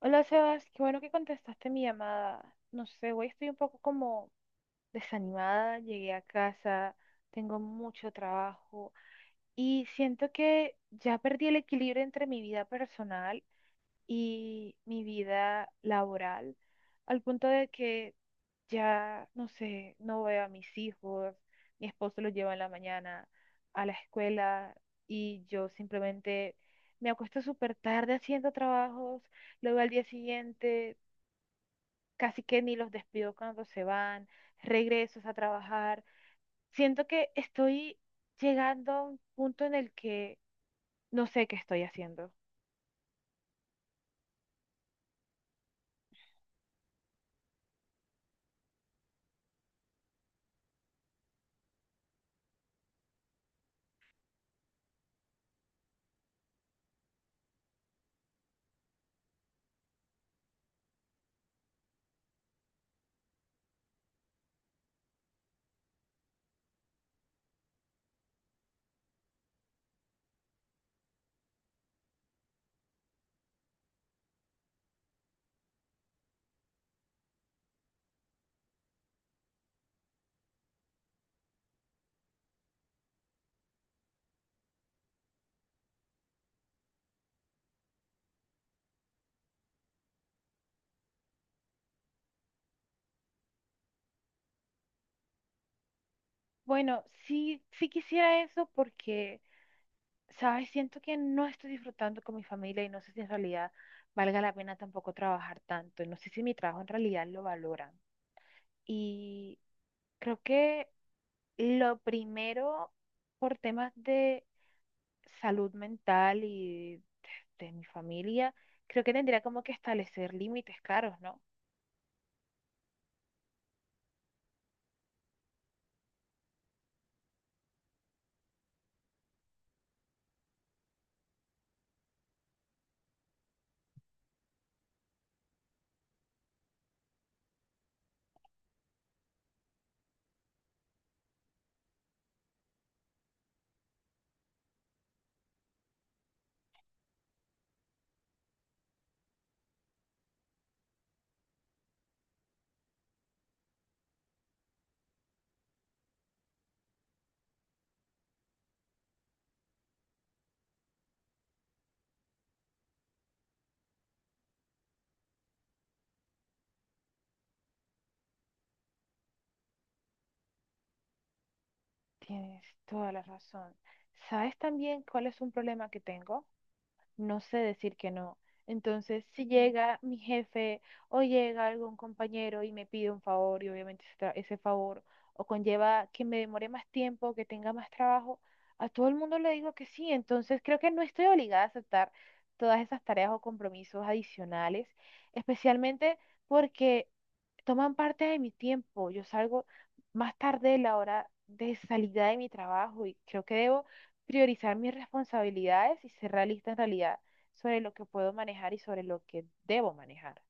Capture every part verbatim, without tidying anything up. Hola Sebas, qué bueno que contestaste mi llamada. No sé, hoy estoy un poco como desanimada, llegué a casa, tengo mucho trabajo y siento que ya perdí el equilibrio entre mi vida personal y mi vida laboral, al punto de que ya, no sé, no veo a mis hijos, mi esposo los lleva en la mañana a la escuela y yo simplemente me acuesto súper tarde haciendo trabajos. Luego al día siguiente casi que ni los despido cuando se van, regresos a trabajar. Siento que estoy llegando a un punto en el que no sé qué estoy haciendo. Bueno, sí, sí quisiera eso porque, ¿sabes? Siento que no estoy disfrutando con mi familia y no sé si en realidad valga la pena tampoco trabajar tanto. No sé si mi trabajo en realidad lo valoran. Y creo que lo primero, por temas de salud mental y de, de mi familia, creo que tendría como que establecer límites caros, ¿no? Tienes toda la razón. ¿Sabes también cuál es un problema que tengo? No sé decir que no. Entonces, si llega mi jefe o llega algún compañero y me pide un favor y obviamente ese, tra- ese favor o conlleva que me demore más tiempo, que tenga más trabajo, a todo el mundo le digo que sí. Entonces, creo que no estoy obligada a aceptar todas esas tareas o compromisos adicionales, especialmente porque toman parte de mi tiempo. Yo salgo más tarde de la hora de salida de mi trabajo y creo que debo priorizar mis responsabilidades y ser realista en realidad sobre lo que puedo manejar y sobre lo que debo manejar.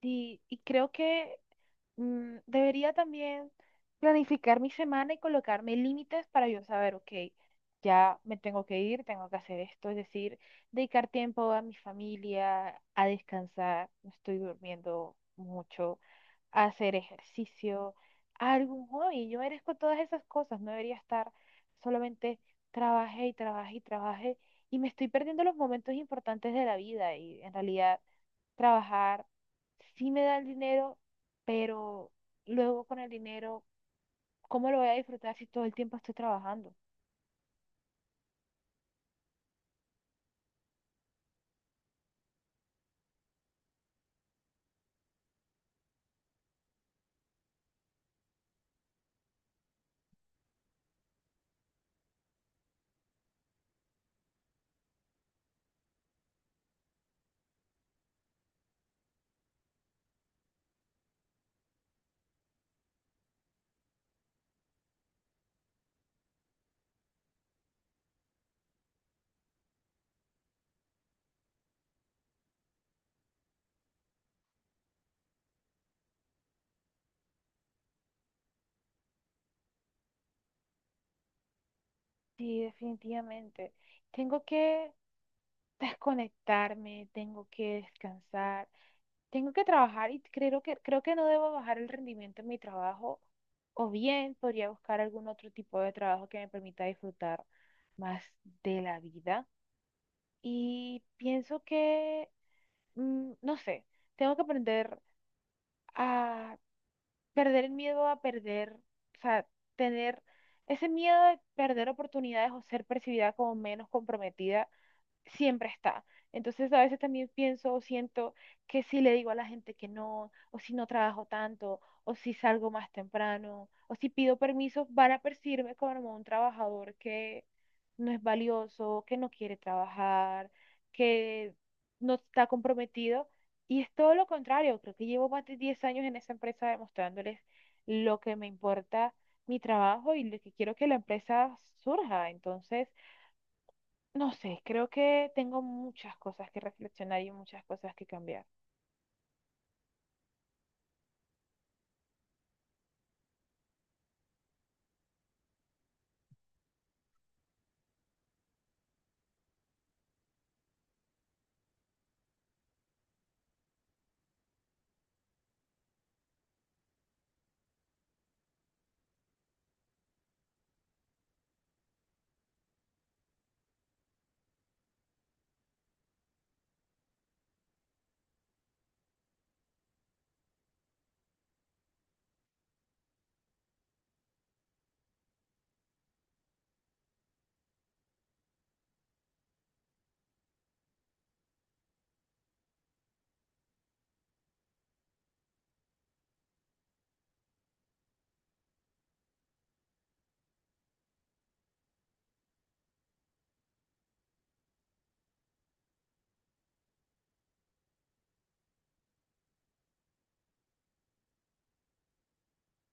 Y, y creo que mm, debería también planificar mi semana y colocarme límites para yo saber, ok, ya me tengo que ir, tengo que hacer esto, es decir, dedicar tiempo a mi familia, a descansar, no estoy durmiendo mucho, hacer ejercicio, algún hobby. Yo merezco todas esas cosas, no debería estar solamente trabajé y trabajé y trabajé y me estoy perdiendo los momentos importantes de la vida y en realidad trabajar sí me da el dinero, pero luego con el dinero, ¿cómo lo voy a disfrutar si todo el tiempo estoy trabajando? Sí, definitivamente. Tengo que desconectarme, tengo que descansar, tengo que trabajar y creo que, creo que no debo bajar el rendimiento en mi trabajo, o bien podría buscar algún otro tipo de trabajo que me permita disfrutar más de la vida. Y pienso que, mm, no sé, tengo que aprender a perder el miedo a perder, o sea, tener ese miedo de perder oportunidades o ser percibida como menos comprometida siempre está. Entonces a veces también pienso o siento que si le digo a la gente que no, o si no trabajo tanto, o si salgo más temprano, o si pido permiso, van a percibirme como un trabajador que no es valioso, que no quiere trabajar, que no está comprometido. Y es todo lo contrario, creo que llevo más de diez años en esa empresa demostrándoles lo que me importa mi trabajo y lo que quiero que la empresa surja. Entonces, no sé, creo que tengo muchas cosas que reflexionar y muchas cosas que cambiar.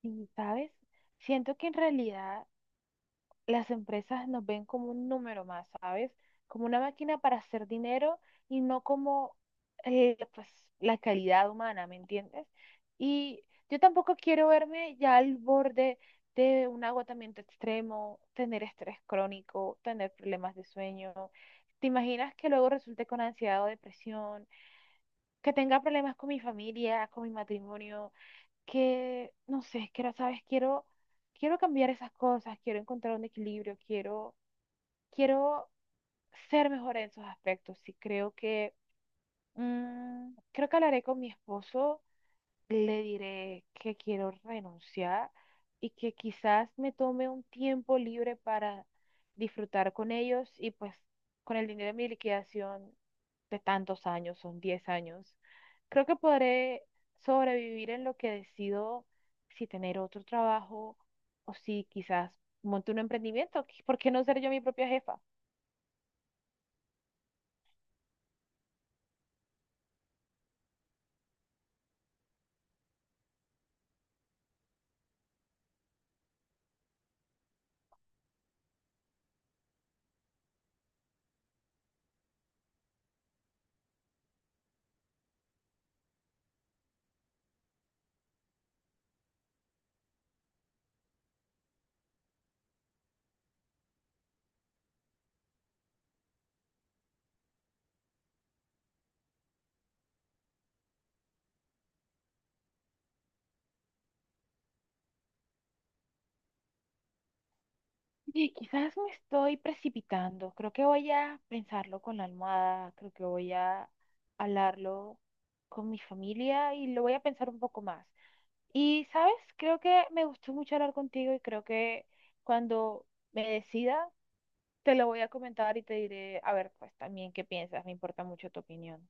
Y, ¿sabes? Siento que en realidad las empresas nos ven como un número más, ¿sabes? Como una máquina para hacer dinero y no como eh, pues, la calidad humana, ¿me entiendes? Y yo tampoco quiero verme ya al borde de un agotamiento extremo, tener estrés crónico, tener problemas de sueño. ¿Te imaginas que luego resulte con ansiedad o depresión? Que tenga problemas con mi familia, con mi matrimonio, que no sé, que quiero, sabes, quiero, quiero cambiar esas cosas, quiero encontrar un equilibrio, quiero, quiero ser mejor en esos aspectos. Sí, creo que, mm, creo que hablaré con mi esposo, le diré que quiero renunciar y que quizás me tome un tiempo libre para disfrutar con ellos y pues con el dinero de mi liquidación de tantos años, son diez años. Creo que podré sobrevivir en lo que decido si tener otro trabajo o si quizás monte un emprendimiento. ¿Por qué no ser yo mi propia jefa? Oye, quizás me estoy precipitando. Creo que voy a pensarlo con la almohada. Creo que voy a hablarlo con mi familia y lo voy a pensar un poco más. Y, ¿sabes? Creo que me gustó mucho hablar contigo y creo que cuando me decida, te lo voy a comentar y te diré, a ver, pues también qué piensas. Me importa mucho tu opinión.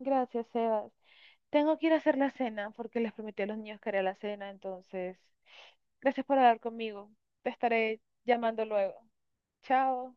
Gracias, Sebas. Tengo que ir a hacer la cena porque les prometí a los niños que haría la cena, entonces, gracias por hablar conmigo. Te estaré llamando luego. Chao.